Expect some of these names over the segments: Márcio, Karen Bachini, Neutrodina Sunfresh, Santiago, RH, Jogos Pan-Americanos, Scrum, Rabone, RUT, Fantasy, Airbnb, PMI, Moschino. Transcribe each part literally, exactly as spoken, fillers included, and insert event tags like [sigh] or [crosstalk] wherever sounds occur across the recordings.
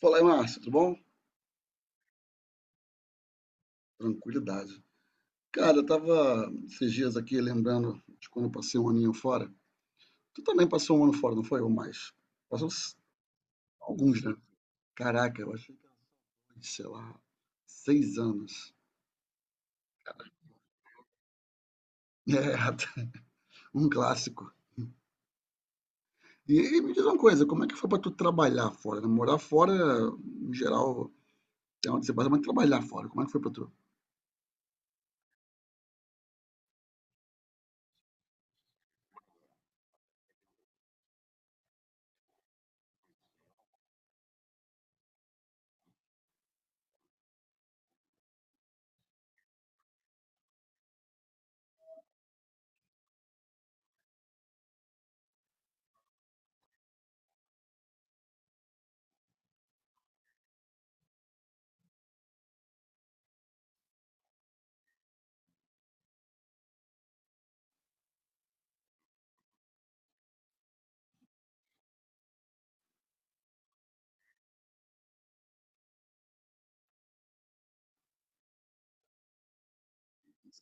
Fala aí, Márcio, tudo bom? Tranquilidade. Cara, eu tava esses dias aqui lembrando de quando eu passei um aninho fora. Tu também passou um ano fora, não foi? Ou mais? Passou uns- alguns, né? Caraca, eu achei que era, de, sei lá, seis anos. [laughs] É, um clássico. E, e me diz uma coisa, como é que foi pra tu trabalhar fora? Né? Morar fora, em geral, tem onde você passa, mas trabalhar fora, como é que foi pra tu?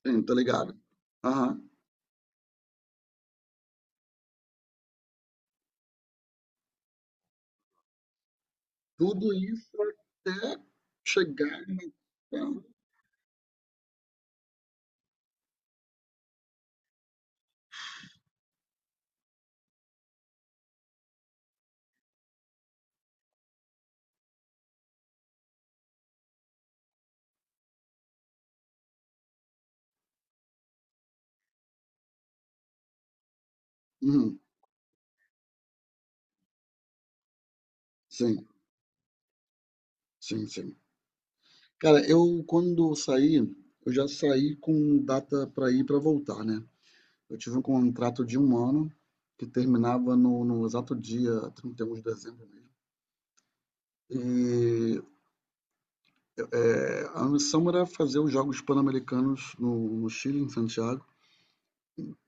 Sim, tá ligado? Aham. Tudo isso até chegar na... Uhum, sim. Sim, sim. Cara, eu quando saí, eu já saí com data para ir e para voltar, né? Eu tive um contrato de um ano que terminava no, no exato dia trinta e um de dezembro mesmo. E é, a missão era fazer os Jogos Pan-Americanos no, no Chile, em Santiago.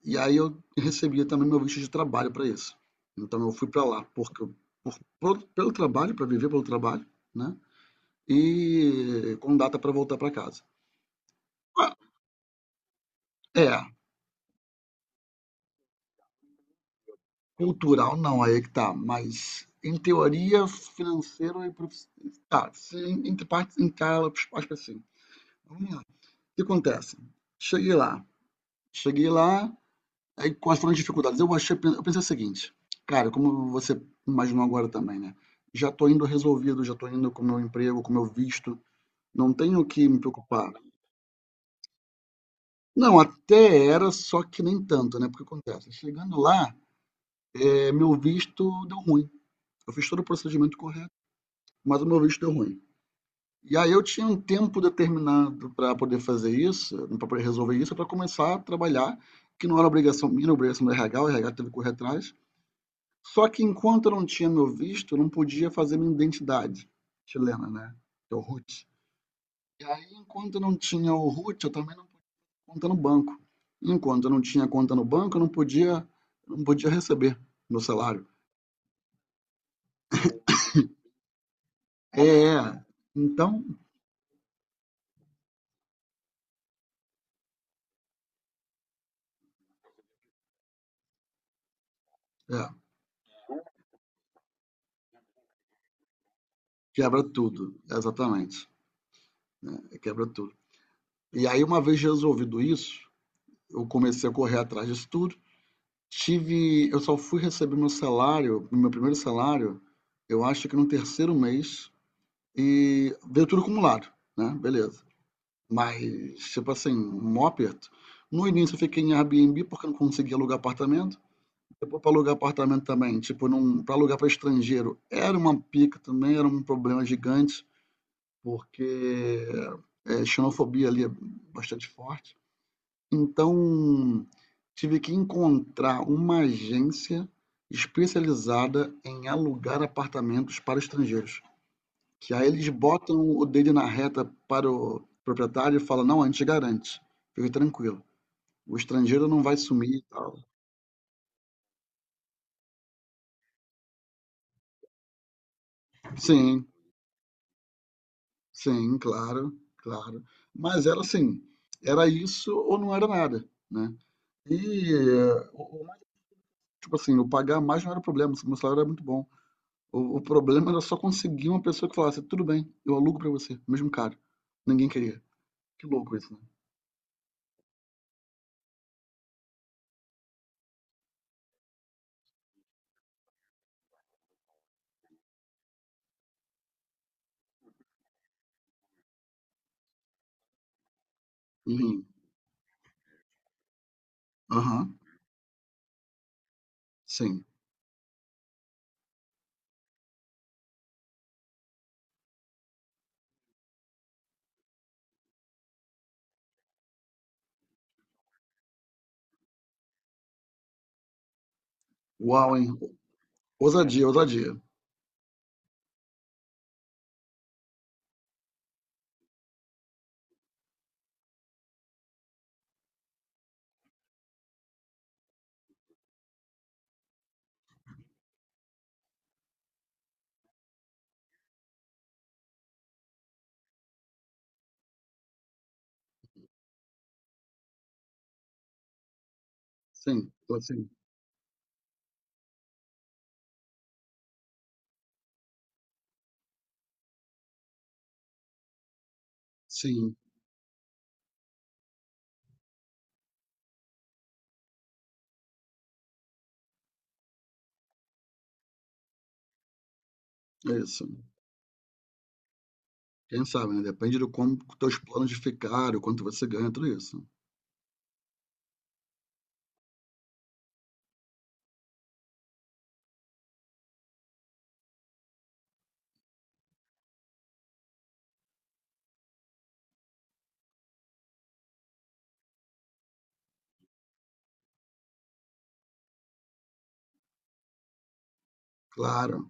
E aí eu recebia também meu visto de trabalho para isso. Então eu fui para lá porque eu- por, por- pelo trabalho, para viver pelo trabalho, né? E com data para voltar para casa. Ah, é, cultural não, aí é que tá, mas em teoria, financeiro e profissional. Tá, se em- entre partes encala, acho que assim. Vamos lá. O que acontece? Cheguei lá, cheguei lá, aí quais foram as dificuldades? Eu achei, eu pensei o seguinte, cara, como você imaginou agora também, né? Já tô indo resolvido, já tô indo com o meu emprego, com o meu visto, não tenho o que me preocupar. Não, até era, só que nem tanto, né? Porque acontece, chegando lá, eh, meu visto deu ruim. Eu fiz todo o procedimento correto, mas o meu visto deu ruim. E aí eu tinha um tempo determinado para poder fazer isso, para poder resolver isso, para começar a trabalhar, que não era obrigação minha, era obrigação do RH, o RH teve que correr atrás. Só que enquanto eu não tinha meu visto, eu não podia fazer minha identidade chilena, né? Que é o R U T. E aí, enquanto eu não tinha o R U T, eu também não podia conta no banco. Enquanto eu não tinha conta no banco, eu não podia, não podia receber meu salário. É, é, então, é, quebra tudo, exatamente. Quebra tudo. E aí, uma vez resolvido isso, eu comecei a correr atrás disso tudo. Tive, eu só fui receber meu salário, meu primeiro salário, eu acho que no terceiro mês, e veio tudo acumulado, né? Beleza. Mas, tipo assim, um aperto. No início eu fiquei em Airbnb porque eu não conseguia alugar apartamento. Depois para alugar apartamento também, tipo, não, para alugar para estrangeiro era uma pica também, era um problema gigante, porque é, xenofobia ali é bastante forte. Então, tive que encontrar uma agência especializada em alugar apartamentos para estrangeiros. Que aí eles botam o dele na reta para o proprietário e falam: não, a gente garante, fique tranquilo, o estrangeiro não vai sumir e tal. Sim, sim, claro, claro. Mas era assim: era isso ou não era nada, né? E, eh, o- o mais, tipo assim, eu pagar mais não era problema, o meu salário era muito bom. O, o problema era só conseguir uma pessoa que falasse, tudo bem, eu alugo pra você, mesmo caro. Ninguém queria. Que louco isso, né? Uhum. Aham. Sim. Uau, hein? Ousadia, ousadia. Sim, sim. Sim, é isso. Quem sabe, né? Depende do como teus planos de ficar, o quanto você ganha, tudo isso. Claro.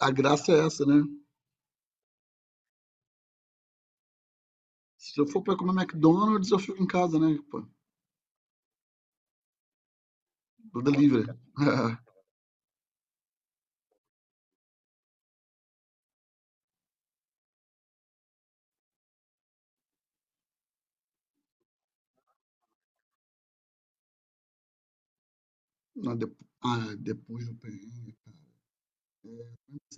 A graça é essa, né? Se eu for pra comer McDonald's, eu fico em casa, né? Pô, do delivery. [laughs] Ah, depo- ah, depois do perrengue.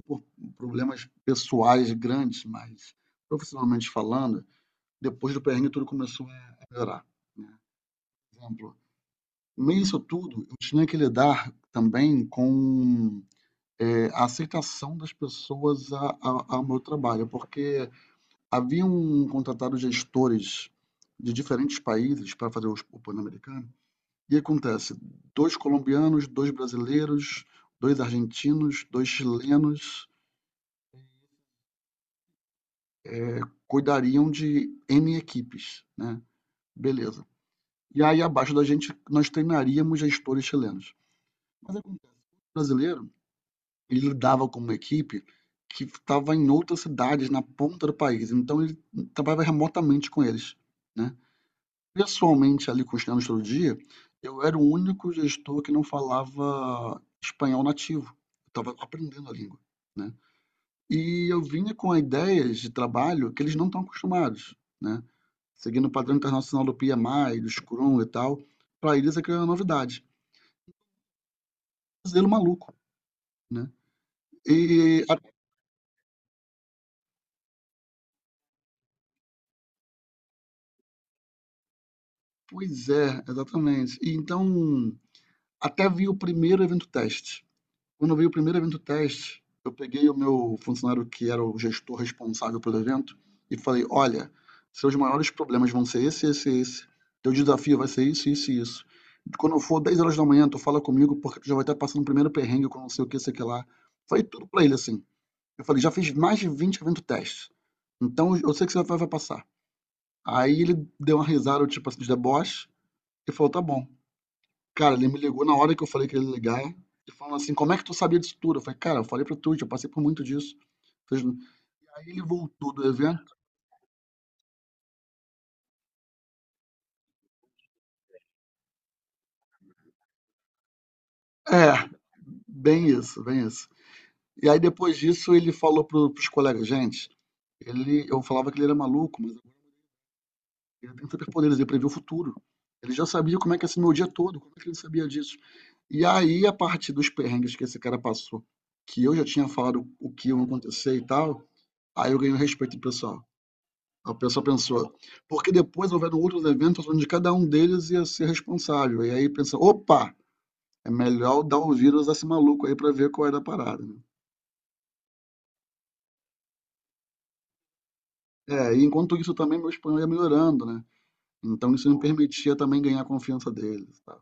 Por problemas pessoais grandes, mas profissionalmente falando, depois do perrengue tudo começou a melhorar. Né? Por exemplo, no meio disso tudo, eu tinha que lidar também com é, a aceitação das pessoas a, a, ao meu trabalho, porque haviam contratado gestores de diferentes países para fazer os- o Pan-Americano, e acontece, dois colombianos, dois brasileiros, dois argentinos, dois chilenos, cuidariam de N equipes, né? Beleza. E aí, abaixo da gente, nós treinaríamos gestores chilenos. Mas o brasileiro, ele lidava com uma equipe que estava em outras cidades, na ponta do país. Então, ele trabalhava remotamente com eles, né? Pessoalmente, ali com os chilenos todo dia, eu era o único gestor que não falava espanhol nativo. Eu estava aprendendo a língua, né? E eu vinha com ideias de trabalho que eles não estão acostumados, né? Seguindo o padrão internacional do P M I, do Scrum e tal, para eles aquilo é uma novidade. Um zelo maluco, né? E, a, pois é, exatamente. E então, até vi o primeiro evento teste. Quando eu vi o primeiro evento teste, eu peguei o meu funcionário que era o gestor responsável pelo evento e falei: olha, seus maiores problemas vão ser esse, esse, e esse. Teu desafio vai ser isso, isso e isso. Quando for dez horas da manhã, tu fala comigo porque tu já vai estar passando o primeiro perrengue com não sei o que, sei o que lá. Foi tudo pra ele assim. Eu falei, já fiz mais de vinte eventos testes. Então eu sei que você vai, vai passar. Aí ele deu uma risada, tipo assim, de deboche, e falou, tá bom. Cara, ele me ligou na hora que eu falei que ele ia ligar, e falou assim, como é que tu sabia disso tudo? Eu falei, cara, eu falei pra tu, eu passei por muito disso. Fez- Aí ele voltou do evento. É, bem isso, bem isso. E aí depois disso ele falou pro, pros colegas, gente, ele, eu falava que ele era maluco, mas ele tem superpoderes, ele prevê o futuro. Ele já sabia como é que ia ser meu dia todo, como é que ele sabia disso? E aí, a partir dos perrengues que esse cara passou, que eu já tinha falado o que ia acontecer e tal, aí eu ganhei o respeito do pessoal. O pessoal pensou, porque depois houveram outros eventos onde cada um deles ia ser responsável. E aí pensa, opa, é melhor dar o vírus a esse maluco aí pra ver qual era a parada, né? É, e enquanto isso também meu espanhol ia melhorando, né? Então isso me permitia também ganhar a confiança deles, tá?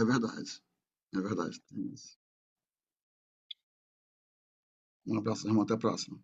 É verdade. É verdade. Tem isso. Um abraço, irmão. Até a próxima.